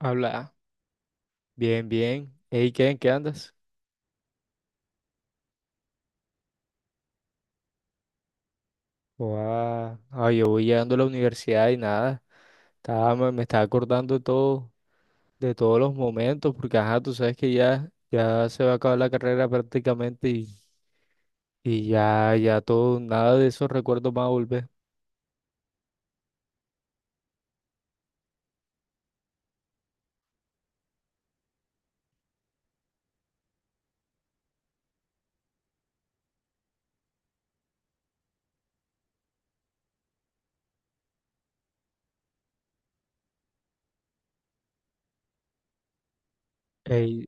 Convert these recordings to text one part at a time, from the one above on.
Habla. Bien, bien. Ey, ¿qué? ¿En qué andas? Guau. Ay, yo voy llegando a la universidad y nada. Me estaba acordando de todo, de todos los momentos, porque ajá, tú sabes que ya se va a acabar la carrera prácticamente y ya todo, nada de esos recuerdos va a volver. Ey,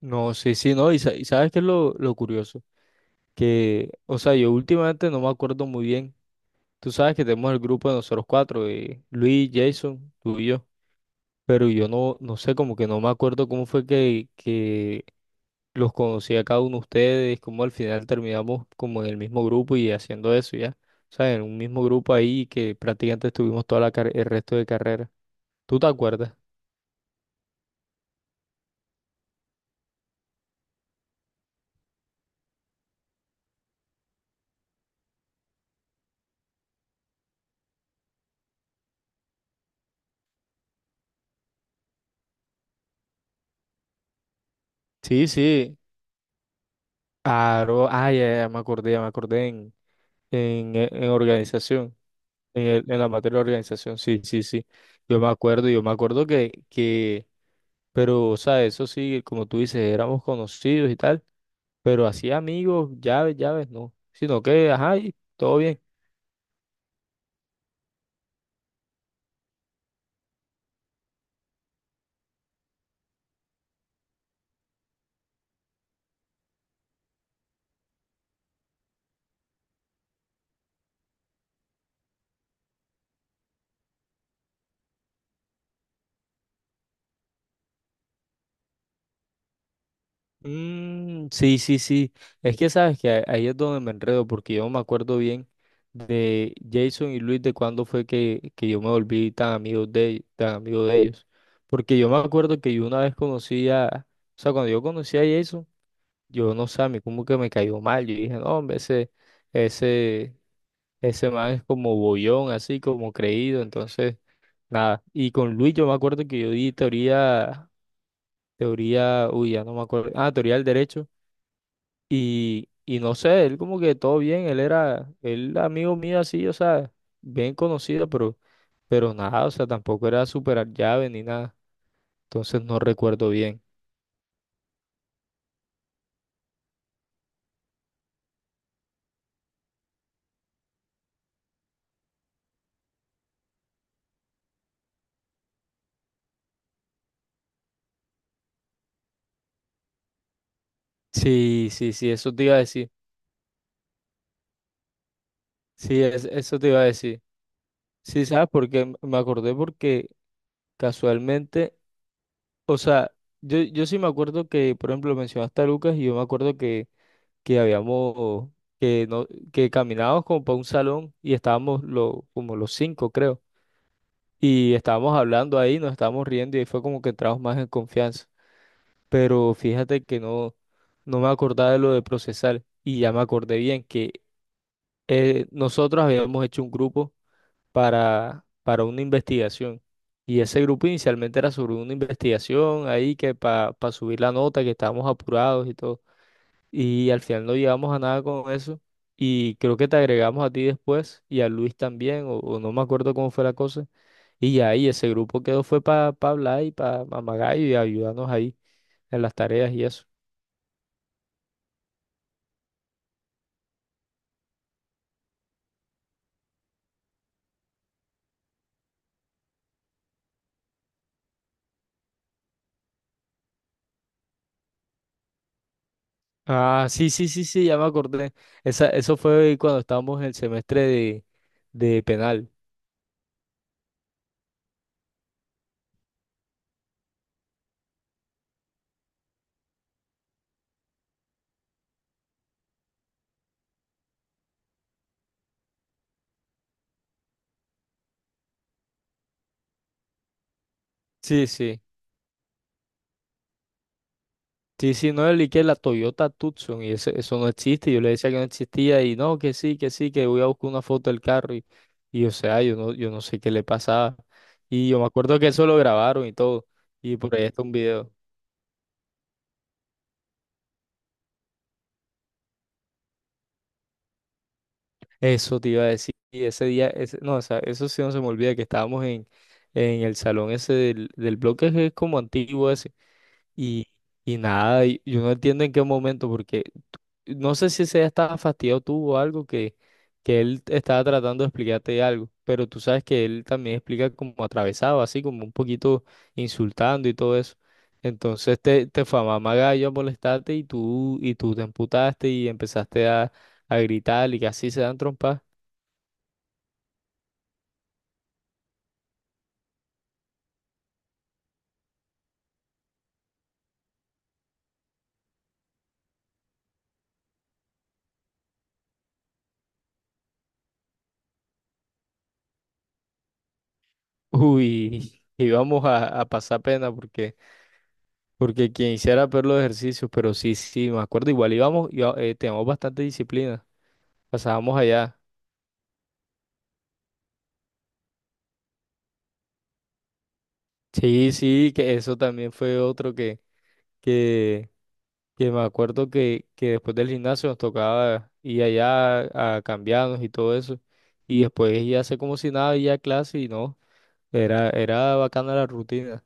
no, sí, sí, no. Y, y ¿sabes qué es lo curioso? Que, o sea, yo últimamente no me acuerdo muy bien. Tú sabes que tenemos el grupo de nosotros cuatro, Luis, Jason, tú y yo. Pero yo no sé, como que no me acuerdo cómo fue que los conocí a cada uno de ustedes, cómo al final terminamos como en el mismo grupo y haciendo eso ya. O sea, en un mismo grupo ahí que prácticamente estuvimos toda la el resto de carrera. ¿Tú te acuerdas? Sí, sí. Claro, ah, ya me acordé en organización, en, en la materia de organización, sí, sí, sí. Yo me acuerdo que pero, o sea, eso sí, como tú dices, éramos conocidos y tal. Pero así amigos, llaves, llaves, no. Sino que, ajá, y todo bien. Mm, sí, sí, sí. Es que sabes que ahí es donde me enredo, porque yo no me acuerdo bien de Jason y Luis, de cuándo fue que yo me volví tan amigo de ellos. Porque yo me acuerdo que yo una vez conocí a, o sea, cuando yo conocí a Jason, yo no sé, a mí como que me cayó mal. Yo dije, no, hombre, ese, ese man es como bollón, así como creído, entonces. Nada. Y con Luis yo me acuerdo que yo di teoría, uy, ya no me acuerdo. Ah, teoría del derecho. Y no sé, él como que todo bien, él amigo mío así, o sea, bien conocido, pero nada, o sea, tampoco era superar llave ni nada. Entonces no recuerdo bien. Sí, sí, sí, eso te iba a decir. Sí, eso te iba a decir. Sí, ¿sabes por qué? Me acordé porque casualmente, o sea, yo sí me acuerdo que, por ejemplo, mencionaste a Lucas y yo me acuerdo que habíamos, que no, que caminábamos como para un salón y estábamos como los cinco, creo. Y estábamos hablando ahí, nos estábamos riendo y ahí fue como que entramos más en confianza. Pero fíjate que no me acordaba de lo de procesar y ya me acordé bien que nosotros habíamos hecho un grupo para una investigación. Y ese grupo inicialmente era sobre una investigación ahí que para subir la nota, que estábamos apurados y todo. Y al final no llegamos a nada con eso. Y creo que te agregamos a ti después y a Luis también, o no me acuerdo cómo fue la cosa. Y ya ahí ese grupo quedó fue para hablar y para Magayo y ayudarnos ahí en las tareas y eso. Ah, sí, sí, sí, sí, ya me acordé. Esa, eso fue cuando estábamos en el semestre de penal. Sí, sí. Sí, sí, no, el que la Toyota Tucson y eso no existe. Yo le decía que no existía y no, que sí, que sí, que voy a buscar una foto del carro y, o sea, yo no sé qué le pasaba. Y yo me acuerdo que eso lo grabaron y todo. Y por ahí está un video. Eso te iba a decir. Y ese día, ese, no, o sea, eso sí no se me olvida que estábamos en el salón ese del bloque que es como antiguo ese. Y, y nada, y yo no entiendo en qué momento, porque no sé si ese estaba fastidiado tú o algo que él estaba tratando de explicarte algo, pero tú sabes que él también explica como atravesado, así como un poquito insultando y todo eso. Entonces te fue a mamar gallo a molestarte y y tú te emputaste y empezaste a gritar y que así se dan trompas. Uy, íbamos a pasar pena porque, porque quien hiciera peor los ejercicios, pero sí, sí, me acuerdo, igual íbamos, teníamos bastante disciplina, pasábamos allá. Sí, sí, que eso también fue otro que, que me acuerdo que después del gimnasio nos tocaba ir allá a cambiarnos y todo eso. Y después ya a hacer como si nada, ir a clase y no, era bacana la rutina.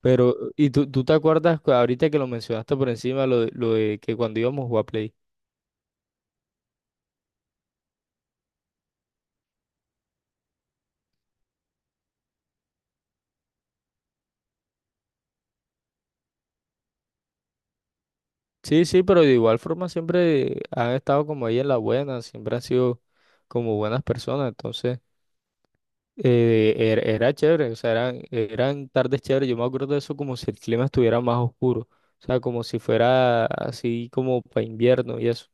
Pero, ¿y tú te acuerdas ahorita que lo mencionaste por encima, lo de que cuando íbamos a jugar Play? Sí, sí, pero de igual forma siempre han estado como ahí en la buena, siempre han sido como buenas personas, entonces. Era chévere, o sea, eran tardes chéveres. Yo me acuerdo de eso como si el clima estuviera más oscuro, o sea, como si fuera así como para invierno y eso.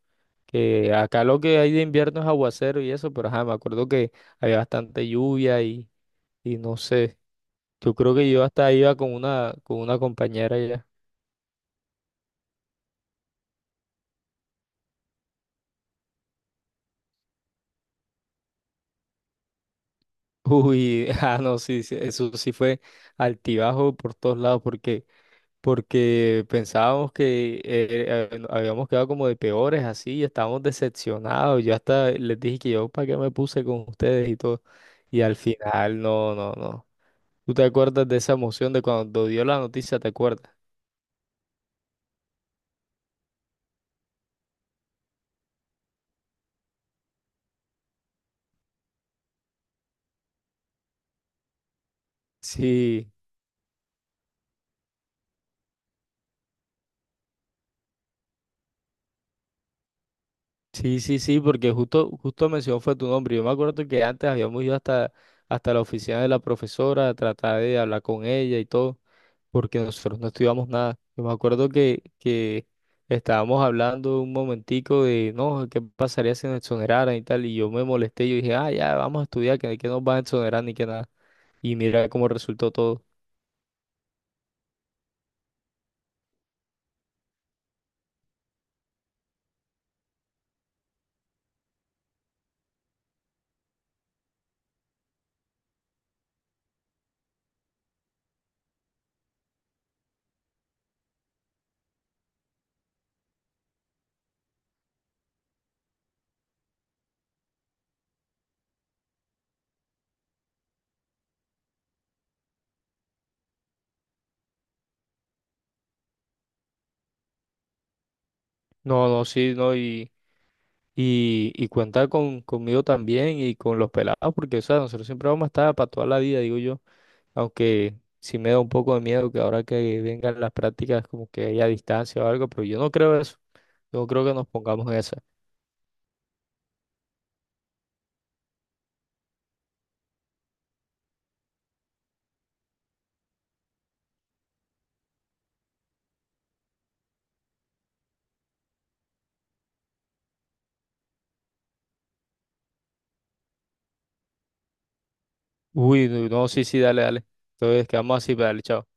Que acá lo que hay de invierno es aguacero y eso, pero ajá, me acuerdo que había bastante lluvia y no sé. Yo creo que yo hasta iba con una compañera ya. Uy, ah, no, sí, sí, eso sí fue altibajo por todos lados, porque porque pensábamos que habíamos quedado como de peores así y estábamos decepcionados. Yo hasta les dije que yo para qué me puse con ustedes y todo. Y al final, no, no, no. ¿Tú te acuerdas de esa emoción de cuando dio la noticia? ¿Te acuerdas? Sí, sí, sí, sí, porque justo mencionó fue tu nombre. Yo me acuerdo que antes habíamos ido hasta, hasta la oficina de la profesora a tratar de hablar con ella y todo. Porque nosotros no estudiamos nada. Yo me acuerdo que estábamos hablando un momentico de, no, ¿qué pasaría si nos exoneraran y tal? Y yo me molesté, yo dije, ah, ya, vamos a estudiar, que nos van a exonerar ni que nada. Y mira cómo resultó todo. No, no, sí, no, y cuenta con, conmigo también y con los pelados, porque, o sea, nosotros siempre vamos a estar para toda la vida, digo yo, aunque... Sí me da un poco de miedo que ahora que vengan las prácticas como que haya distancia o algo, pero yo no creo eso. Yo no creo que nos pongamos en eso. Uy, no, no, sí, sí, dale, dale. Entonces quedamos así, pero dale, chao.